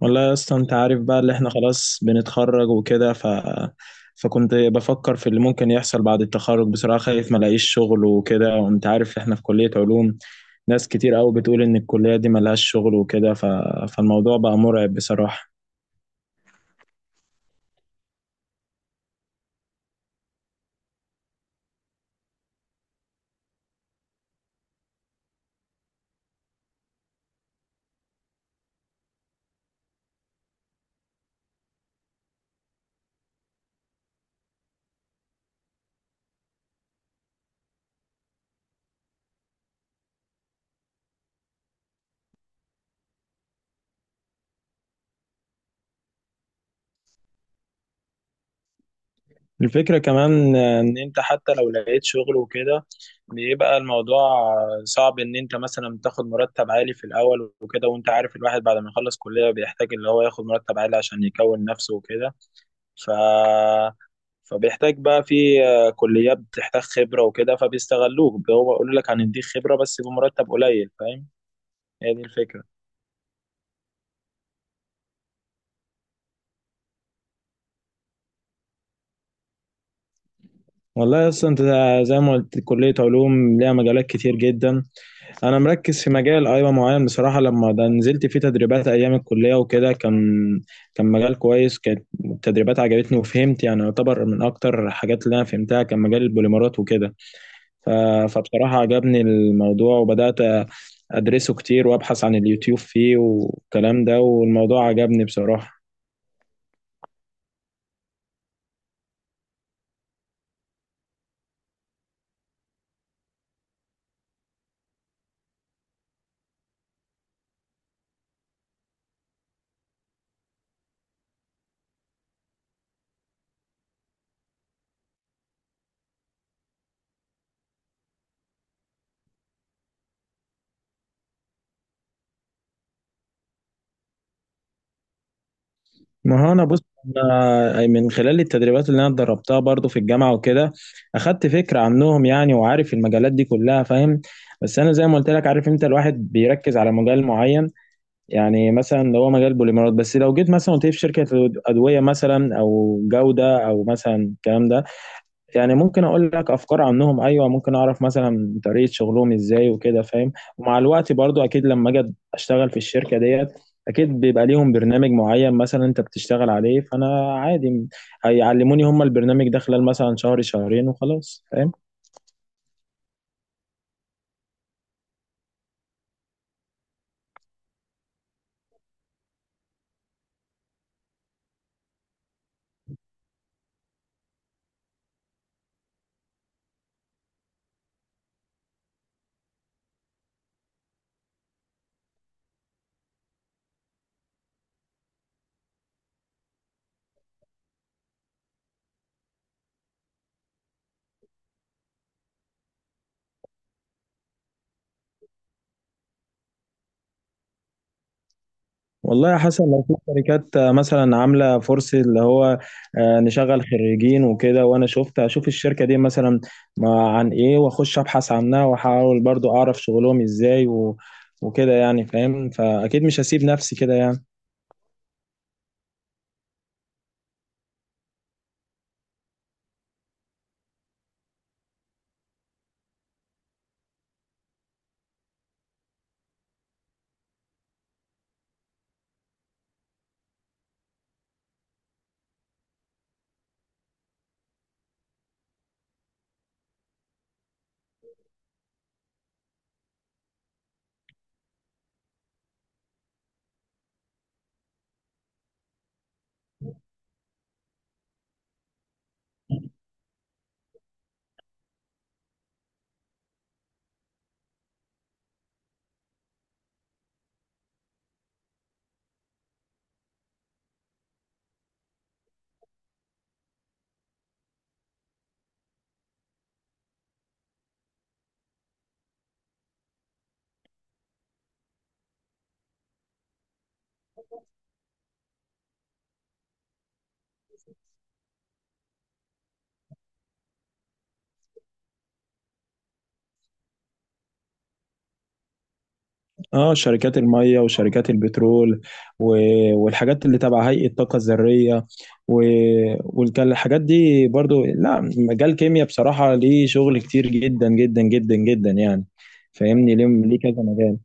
والله يا اسطى، انت عارف بقى اللي احنا خلاص بنتخرج وكده ف... فكنت بفكر في اللي ممكن يحصل بعد التخرج. بصراحة خايف ما الاقيش شغل وكده، وانت عارف احنا في كلية علوم. ناس كتير قوي بتقول ان الكلية دي ملهاش شغل وكده ف... فالموضوع بقى مرعب بصراحة. الفكرة كمان ان انت حتى لو لقيت شغل وكده بيبقى الموضوع صعب، ان انت مثلا تاخد مرتب عالي في الاول وكده، وانت عارف الواحد بعد ما يخلص كلية بيحتاج اللي هو ياخد مرتب عالي عشان يكون نفسه وكده. ف فبيحتاج بقى في، كليات بتحتاج خبرة وكده فبيستغلوك، هو بيقول لك هنديك خبرة بس بمرتب قليل، فاهم. هي دي الفكرة. والله اصلا انت زي ما قلت كلية علوم ليها مجالات كتير جدا. انا مركز في مجال، ايوه، معين. بصراحة لما ده نزلت فيه تدريبات ايام الكلية وكده، كان مجال كويس، كانت التدريبات عجبتني وفهمت، يعني يعتبر من اكتر الحاجات اللي انا فهمتها كان مجال البوليمرات وكده. ف- فبصراحة عجبني الموضوع وبدأت أدرسه كتير وأبحث عن اليوتيوب فيه والكلام ده، والموضوع عجبني بصراحة. ما هو أنا بص، أنا من خلال التدريبات اللي أنا اتدربتها برضو في الجامعة وكده أخدت فكرة عنهم يعني، وعارف المجالات دي كلها، فاهم. بس أنا زي ما قلت لك، عارف أنت الواحد بيركز على مجال معين. يعني مثلا لو هو مجال بوليمرات بس، لو جيت مثلا قلت لي في شركة أدوية مثلا أو جودة أو مثلا الكلام ده، يعني ممكن اقول لك افكار عنهم، ايوه، ممكن اعرف مثلا طريقه شغلهم ازاي وكده، فاهم. ومع الوقت برضو اكيد لما اجي اشتغل في الشركه ديت اكيد بيبقى ليهم برنامج معين مثلا انت بتشتغل عليه، فانا عادي هيعلموني هم البرنامج ده خلال مثلا شهر شهرين وخلاص، فاهم؟ والله يا حسن، لو في شركات، مثلا عامله فرصه اللي هو، نشغل خريجين وكده، وانا شفت اشوف الشركه دي مثلا عن ايه، واخش ابحث عنها واحاول برضو اعرف شغلهم ازاي وكده يعني، فاهم. فاكيد مش هسيب نفسي كده يعني. اه، شركات الميه وشركات البترول و... والحاجات اللي تبع هيئه الطاقه الذريه و... والحاجات دي برضو، لا مجال كيمياء بصراحه ليه شغل كتير جدا جدا جدا جدا يعني. فاهمني، ليه كذا مجال.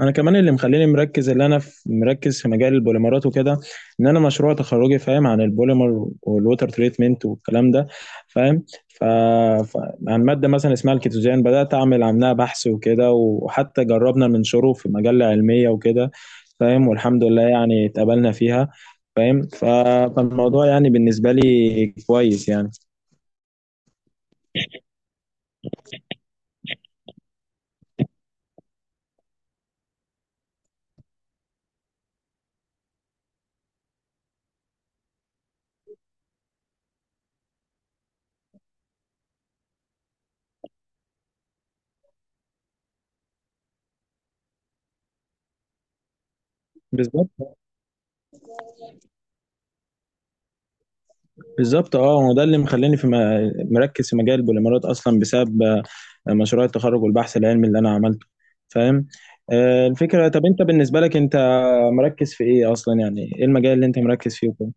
انا كمان اللي مخليني مركز، اللي انا في مركز في مجال البوليمرات وكده، ان انا مشروع تخرجي، فاهم، عن البوليمر والووتر تريتمنت والكلام ده، فاهم. ف... عن ماده مثلا اسمها الكيتوزان بدات اعمل عنها بحث وكده، وحتى جربنا ننشره في مجله علميه وكده، فاهم. والحمد لله يعني اتقبلنا فيها، فاهم. ف... فالموضوع يعني بالنسبه لي كويس يعني. بالظبط. بالظبط، اه، هو ده اللي مخليني في مركز في مجال البوليمرات اصلا، بسبب مشروع التخرج والبحث العلمي اللي انا عملته، فاهم. الفكره، طب انت بالنسبه لك، انت مركز في ايه اصلا، يعني ايه المجال اللي انت مركز فيه وكده.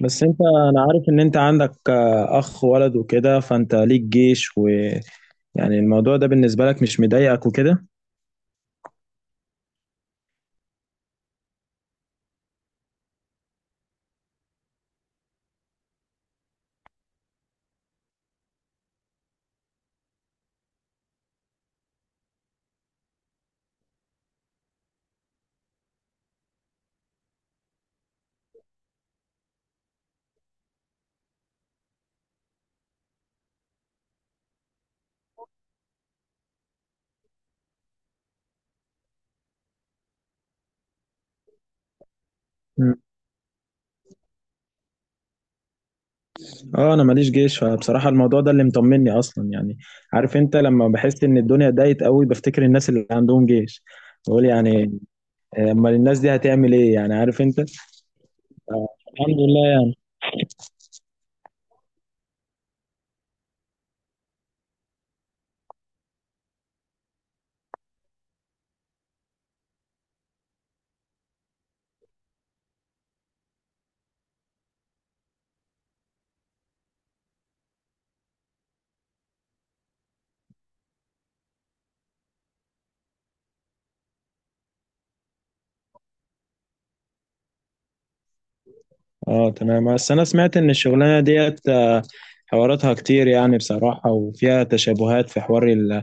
بس انت، انا عارف ان انت عندك، اخ ولد وكده، فانت ليك جيش ويعني الموضوع ده بالنسبه لك مش مضايقك وكده. مم. اه، انا ماليش جيش، فبصراحه الموضوع ده اللي مطمني اصلا يعني. عارف انت، لما بحس ان الدنيا ضايقت قوي بفتكر الناس اللي عندهم جيش، بقول يعني، امال الناس دي هتعمل ايه يعني، عارف انت. آه، الحمد لله يعني. اه تمام، بس انا سمعت ان الشغلانه ديت، حواراتها كتير يعني بصراحه، وفيها تشابهات في حوار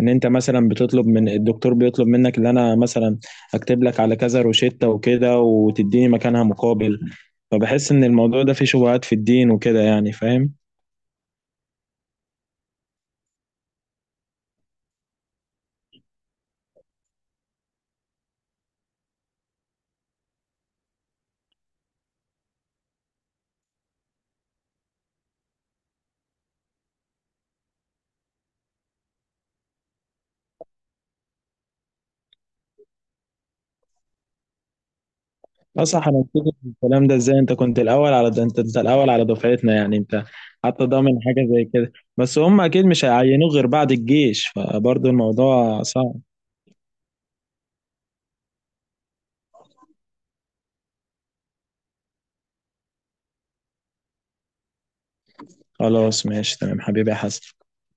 ان انت مثلا بتطلب من الدكتور، بيطلب منك ان انا مثلا اكتب لك على كذا روشته وكده وتديني مكانها مقابل. فبحس ان الموضوع ده فيه شبهات في الدين وكده يعني، فاهم. لا صح، انا متفق في الكلام ده. ازاي انت كنت الاول على ده، انت الاول على دفعتنا يعني، انت حتى ضامن حاجه زي كده. بس هم اكيد مش هيعينوه غير بعد الجيش، فبرضه الموضوع صعب. خلاص، ماشي تمام، حبيبي يا حسن.